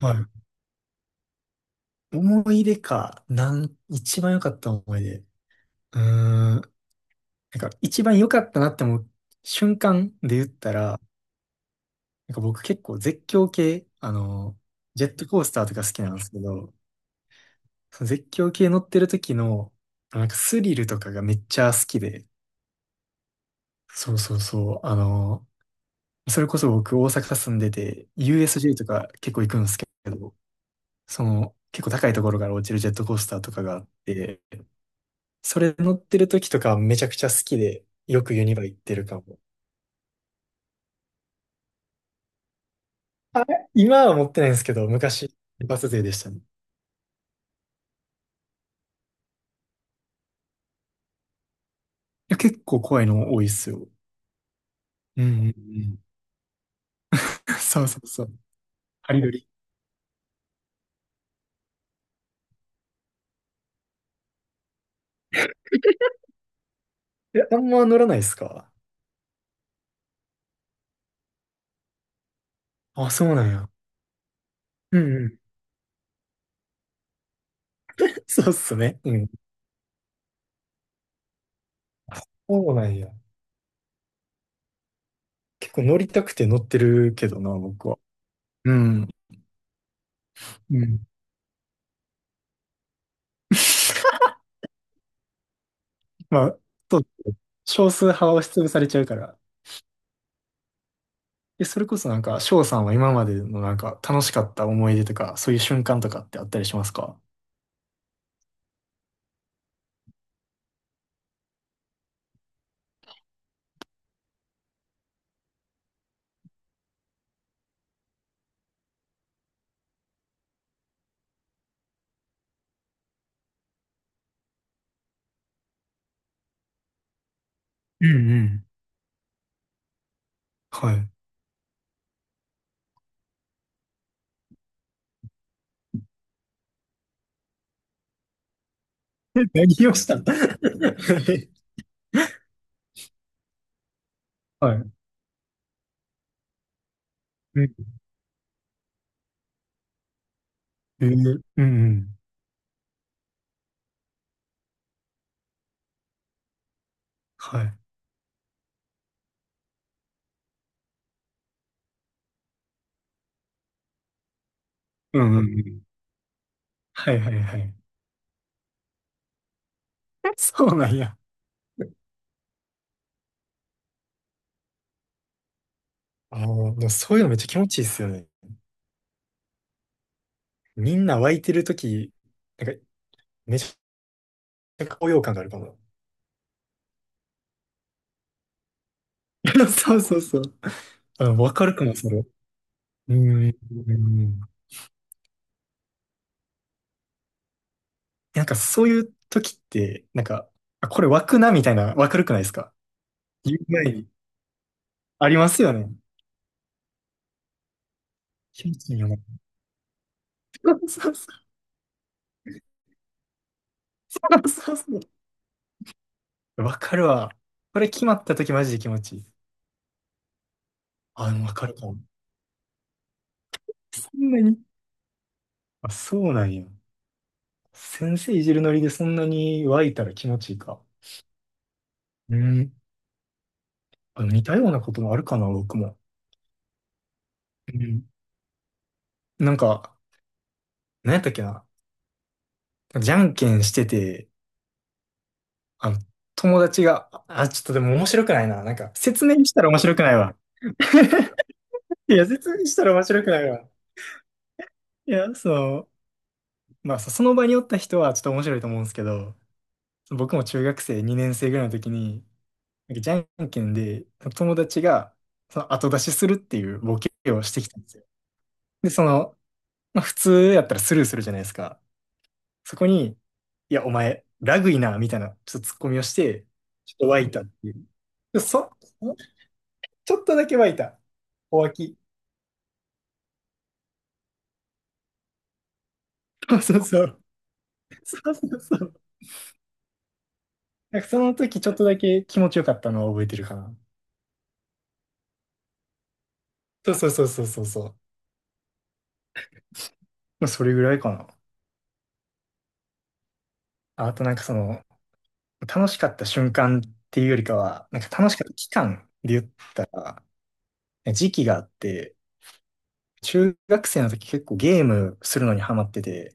はい。思い出か、一番良かった思い出。なんか、一番良かったなって思う瞬間で言ったら、なんか僕結構絶叫系、ジェットコースターとか好きなんですけど、その絶叫系乗ってる時の、なんかスリルとかがめっちゃ好きで、そうそうそう。それこそ僕大阪住んでて、USJ とか結構行くんですけど、結構高いところから落ちるジェットコースターとかがあって、それ乗ってる時とかめちゃくちゃ好きで、よくユニバ行ってるかも。あれ今は持ってないんですけど、昔、一発勢でしたね。いや、結構怖いの多いっすよ。うんうんうん。そうそうそう。ハリドリ。え、あんま乗らないっすか？あ、そうなんや。うんうん。そうっすね。うん。そうなんや。結構乗りたくて乗ってるけどな、僕は。うん。うん。まあ、そう。少数派は押しつぶされちゃうから。え、それこそなんか、翔さんは今までのなんか楽しかった思い出とか、そういう瞬間とかってあったりしますか？うんうん。はい。何をしたの？ はい。うんえーうんうんはい。うんうんうんはいはいはい。そうなんや。でもそういうのめっちゃ気持ちいいっすよね。みんな湧いてるとき、なんか、めちゃ高揚感があるかも。そうそうそう。あ、わかるかも、それ。うん。うんうんなんかそういう時って、なんか、あ、これ湧くなみたいな、わかるくないですか？言う前に。ありますよね。気持ちいいよね。そうそうそうそう。わかるわ。これ決まった時マジで気持ちいい。あ、でもわかるかも。そんなに、あ、そうなんや。先生いじるノリでそんなに湧いたら気持ちいいか。うん。あ似たようなこともあるかな、僕も。うん。なんか、何やったっけな。じゃんけんしてて、あの、友達が、あ、ちょっとでも面白くないな。なんか、説明したら面白くないわ。いや、説明したら面白くないわ。いや、その、まあ、その場におった人はちょっと面白いと思うんですけど、僕も中学生2年生ぐらいの時に、なんかじゃんけんで、友達が、その後出しするっていうボケをしてきたんですよ。で、その、まあ、普通やったらスルーするじゃないですか。そこに、いや、お前、ラグいな、みたいな、ちょっとツッコミをして、ちょっと湧いたっていう。でそ、ちょっとだけ湧いた。お湧き。そうそうそう。そうそうそう。なんかその時ちょっとだけ気持ちよかったのを覚えてるかな。そうそうそうそうそうそう。まあそれぐらいかな。あと、楽しかった瞬間っていうよりかは、なんか楽しかった期間で言ったら、時期があって、中学生の時結構ゲームするのにハマってて、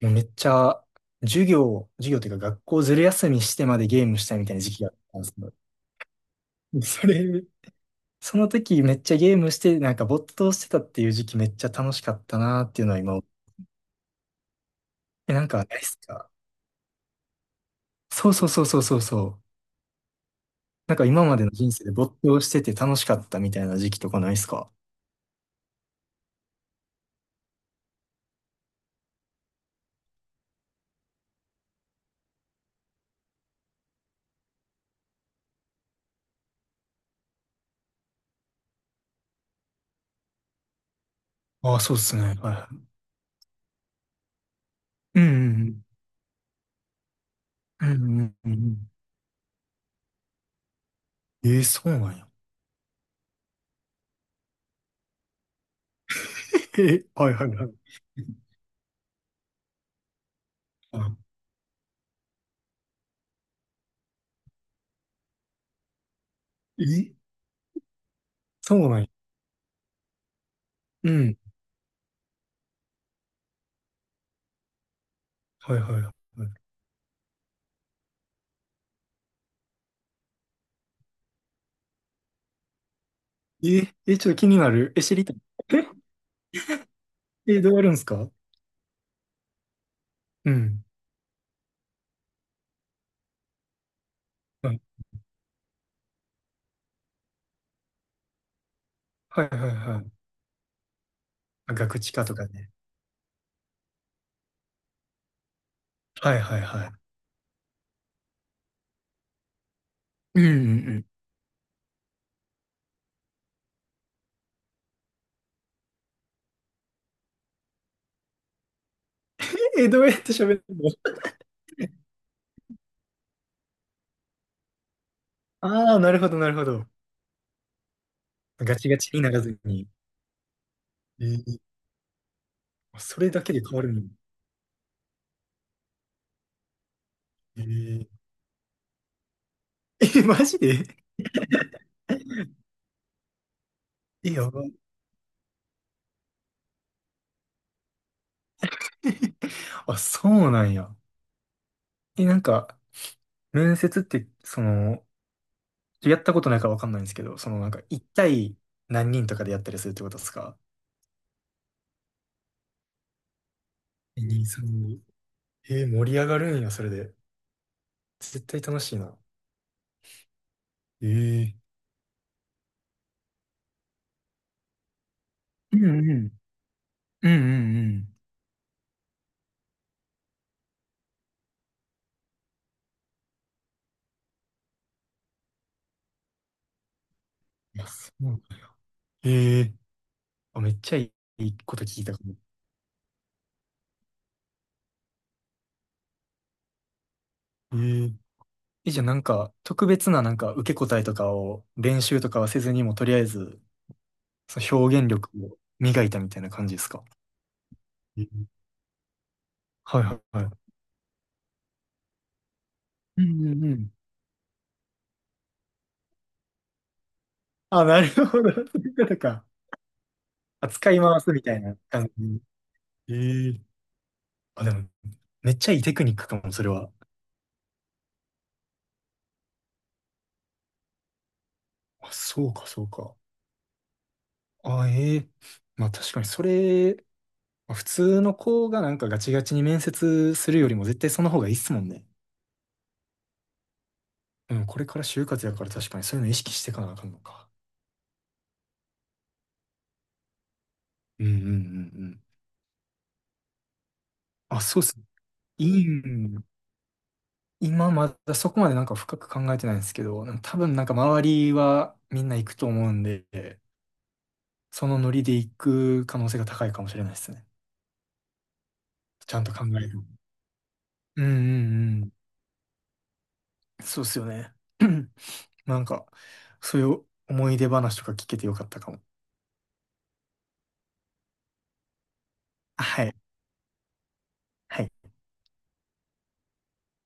もうめっちゃ授業、授業というか学校ずる休みしてまでゲームしたいみたいな時期があったんですけど、それその時めっちゃゲームして、なんか没頭してたっていう時期めっちゃ楽しかったなっていうのは今思う、え、なんかないっすか？そうそうそうそうそうそう。なんか今までの人生で没頭してて楽しかったみたいな時期とかないっすか？ああ、そうっすね。はいうんうんうんうんうんうんうん。えー、そうなんや。えー、はいはいはい。あえ、そうなんや。うん。はいはいはい。え、え、ちょっと気になる。え、知りたい。え、えどうやるんすか？うん。はいはいはいはい。まあガクチカとかね。はいはいはい。うんうんうん。ええ、どうやって喋るの？あ あー、なるほど、なるほど。ガチガチにならずに。ええそれだけで変わるの？ええ、えマジで？え、やばい。あ、そうなんや。え、なんか、面接って、やったことないからわかんないんですけど、そのなんか、一対何人とかでやったりするってことですか？え、2、3、ごえー、盛り上がるんや、それで。絶対楽しいな。ええうんうんうんうんうん。いや、そう。ええあ、めっちゃいいこと聞いた。えー、え、じゃあなんか、特別ななんか受け答えとかを練習とかはせずにも、とりあえず、その表現力を磨いたみたいな感じですか？えーはいはいはい。うんうんうん。あ、なるほど。そういうことか。あ、使い回すみたいな感じ。えーあ、でも、めっちゃいいテクニックかも、それは。あ、そうか、そうか。あ、ええまあ確かにそれ、まあ普通の子がなんかガチガチに面接するよりも絶対その方がいいっすもんね。うん、これから就活やから確かにそういうの意識していかなあかんのか。うんうんうんうん。あ、そうっす。いいん今まだそこまでなんか深く考えてないんですけど、多分なんか周りはみんな行くと思うんで、そのノリで行く可能性が高いかもしれないですね。ちゃんと考える。うんうんうん。そうっすよね。なんか、そういう思い出話とか聞けてよかったかも。はい。はい